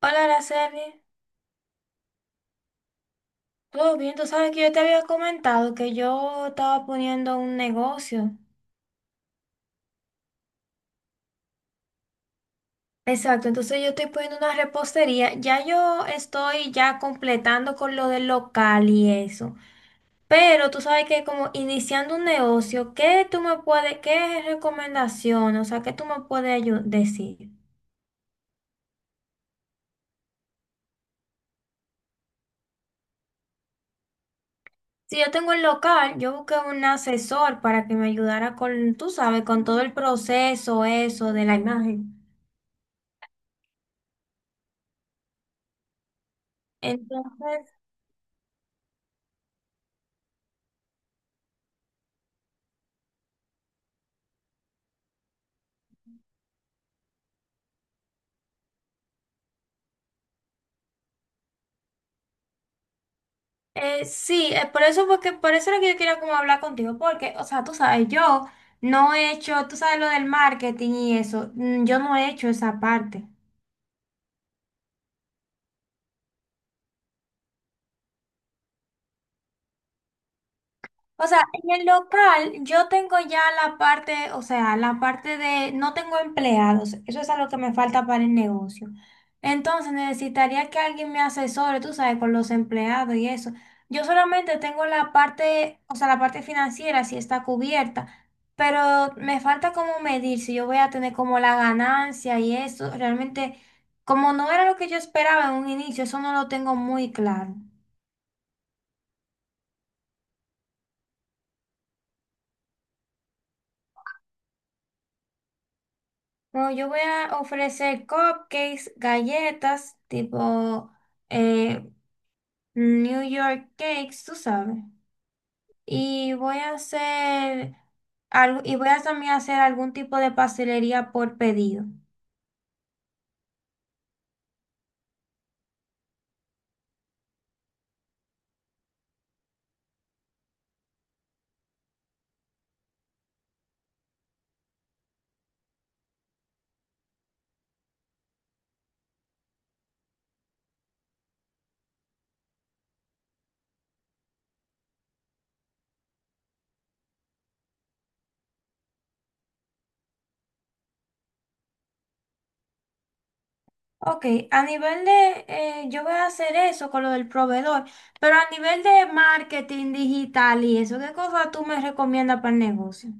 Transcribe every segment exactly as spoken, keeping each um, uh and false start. Hola, Araceli. ¿Todo bien? Tú sabes que yo te había comentado que yo estaba poniendo un negocio. Exacto, entonces yo estoy poniendo una repostería. Ya yo estoy ya completando con lo del local y eso. Pero tú sabes que como iniciando un negocio, ¿qué tú me puedes, qué recomendación, o sea, qué tú me puedes ayu- decir? Si yo tengo el local, yo busqué un asesor para que me ayudara con, tú sabes, con todo el proceso, eso de la imagen. Entonces, Eh, sí, eh, por eso, porque por eso era que yo quería como hablar contigo, porque, o sea, tú sabes, yo no he hecho, tú sabes lo del marketing y eso, mm, yo no he hecho esa parte. O sea, en el local yo tengo ya la parte, o sea, la parte de no tengo empleados. Eso es algo que me falta para el negocio. Entonces necesitaría que alguien me asesore, tú sabes, con los empleados y eso. Yo solamente tengo la parte, o sea, la parte financiera sí está cubierta, pero me falta como medir si yo voy a tener como la ganancia y eso. Realmente, como no era lo que yo esperaba en un inicio, eso no lo tengo muy claro. No, yo voy a ofrecer cupcakes, galletas, tipo eh, New York cakes, tú sabes. Y voy a hacer algo, y voy a también hacer algún tipo de pastelería por pedido. Ok, a nivel de, eh, yo voy a hacer eso con lo del proveedor, pero a nivel de marketing digital y eso, ¿qué cosa tú me recomiendas para el negocio?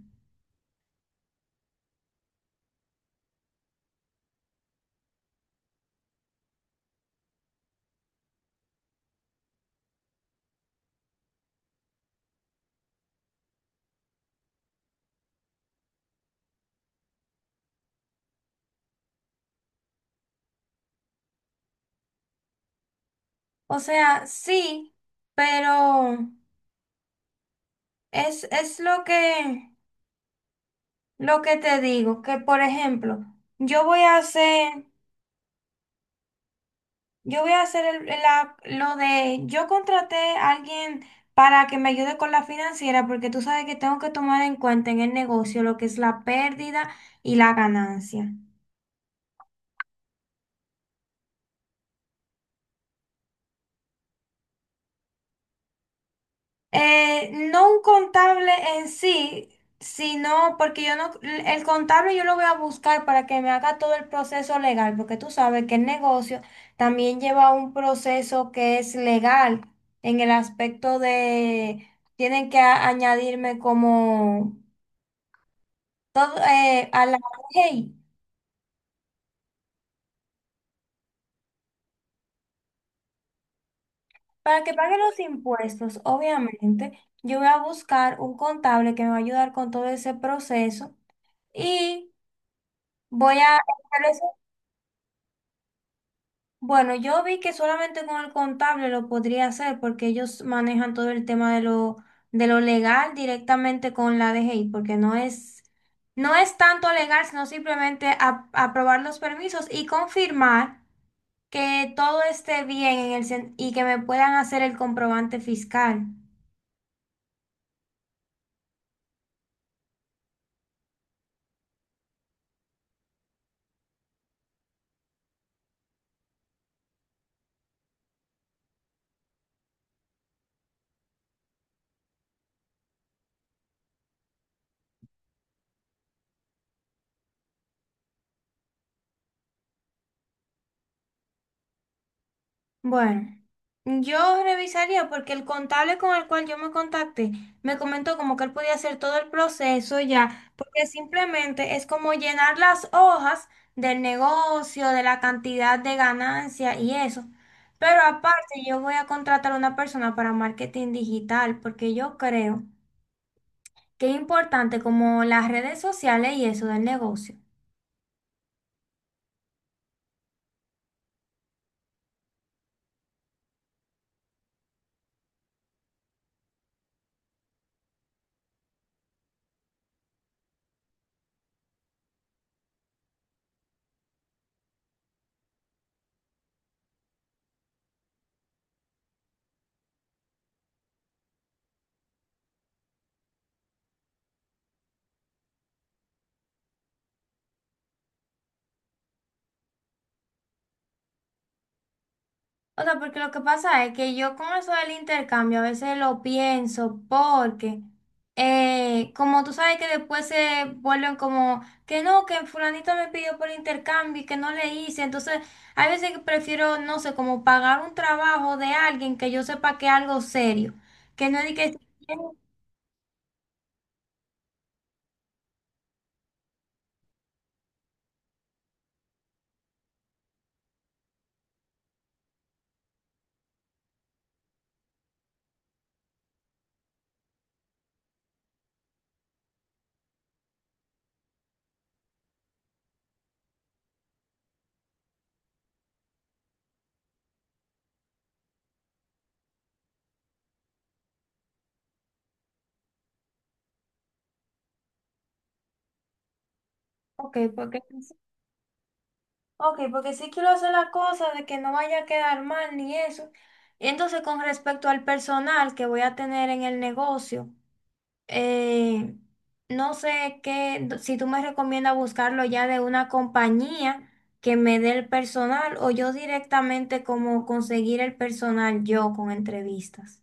O sea, sí, pero es, es lo que... Lo que te digo, que por ejemplo, yo voy a hacer, yo voy a hacer el- la- lo de, yo contraté a alguien para que me ayude con la financiera, porque tú sabes que tengo que tomar en cuenta en el negocio lo que es la pérdida y la ganancia. Eh, no un contable en sí, sino porque yo no, el contable yo lo voy a buscar para que me haga todo el proceso legal, porque tú sabes que el negocio también lleva un proceso que es legal en el aspecto de, tienen que a- añadirme como todo eh, a la ley. Para que pague los impuestos, obviamente, yo voy a buscar un contable que me va a ayudar con todo ese proceso y voy a... Bueno, yo vi que solamente con el contable lo podría hacer porque ellos manejan todo el tema de lo, de lo legal directamente con la D G I, porque no es, no es tanto legal, sino simplemente a- aprobar los permisos y confirmar que todo esté bien en el, sen- y que me puedan hacer el comprobante fiscal. Bueno, yo revisaría porque el contable con el cual yo me contacté me comentó como que él podía hacer todo el proceso ya, porque simplemente es como llenar las hojas del negocio, de la cantidad de ganancia y eso. Pero aparte, yo voy a contratar a una persona para marketing digital porque yo creo que es importante como las redes sociales y eso del negocio. O sea, porque lo que pasa es que yo con eso del intercambio a veces lo pienso porque, eh, como tú sabes que después se vuelven como, que no, que fulanito me pidió por intercambio y que no le hice, entonces hay veces que prefiero, no sé, como pagar un trabajo de alguien que yo sepa que es algo serio, que no es de que, "Eh, ok, porque, ok, porque sí quiero hacer la cosa de que no vaya a quedar mal ni eso. Y entonces con respecto al personal que voy a tener en el negocio. eh, no sé qué, si tú me recomiendas buscarlo ya de una compañía que me dé el personal o yo directamente como conseguir el personal yo con entrevistas.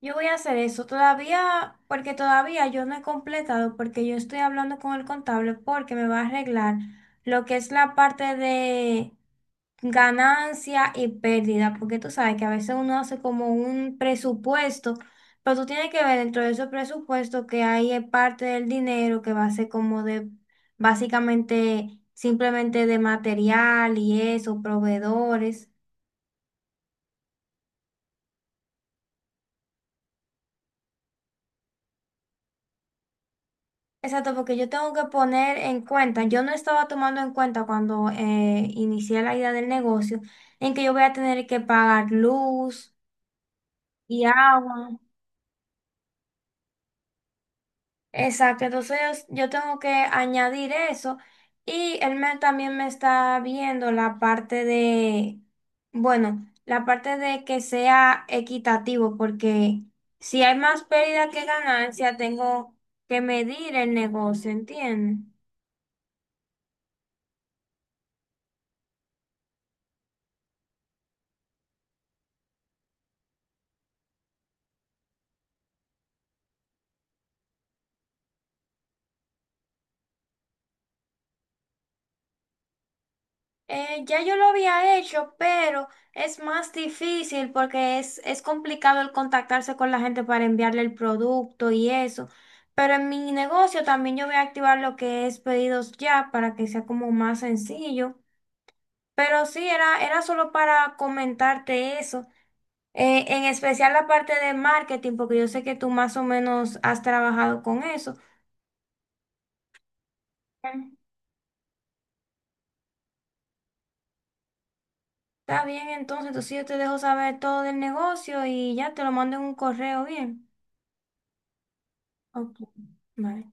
Yo voy a hacer eso todavía, porque todavía yo no he completado, porque yo estoy hablando con el contable porque me va a arreglar lo que es la parte de ganancia y pérdida, porque tú sabes que a veces uno hace como un presupuesto, pero tú tienes que ver dentro de esos presupuestos que ahí es parte del dinero que va a ser como de básicamente simplemente de material y eso, proveedores. Exacto, porque yo tengo que poner en cuenta, yo no estaba tomando en cuenta cuando eh, inicié la idea del negocio, en que yo voy a tener que pagar luz y agua. Exacto, entonces yo yo tengo que añadir eso y él me, también me está viendo la parte de, bueno, la parte de que sea equitativo, porque si hay más pérdida que ganancia, tengo que medir el negocio, ¿entiendes? Eh, ya yo lo había hecho, pero es más difícil porque es, es complicado el contactarse con la gente para enviarle el producto y eso. Pero en mi negocio también yo voy a activar lo que es pedidos ya para que sea como más sencillo. Pero sí, era, era solo para comentarte eso. Eh, en especial la parte de marketing, porque yo sé que tú más o menos has trabajado con eso. Mm. Está bien, entonces, entonces yo te dejo saber todo del negocio y ya te lo mando en un correo bien. Ok, vale.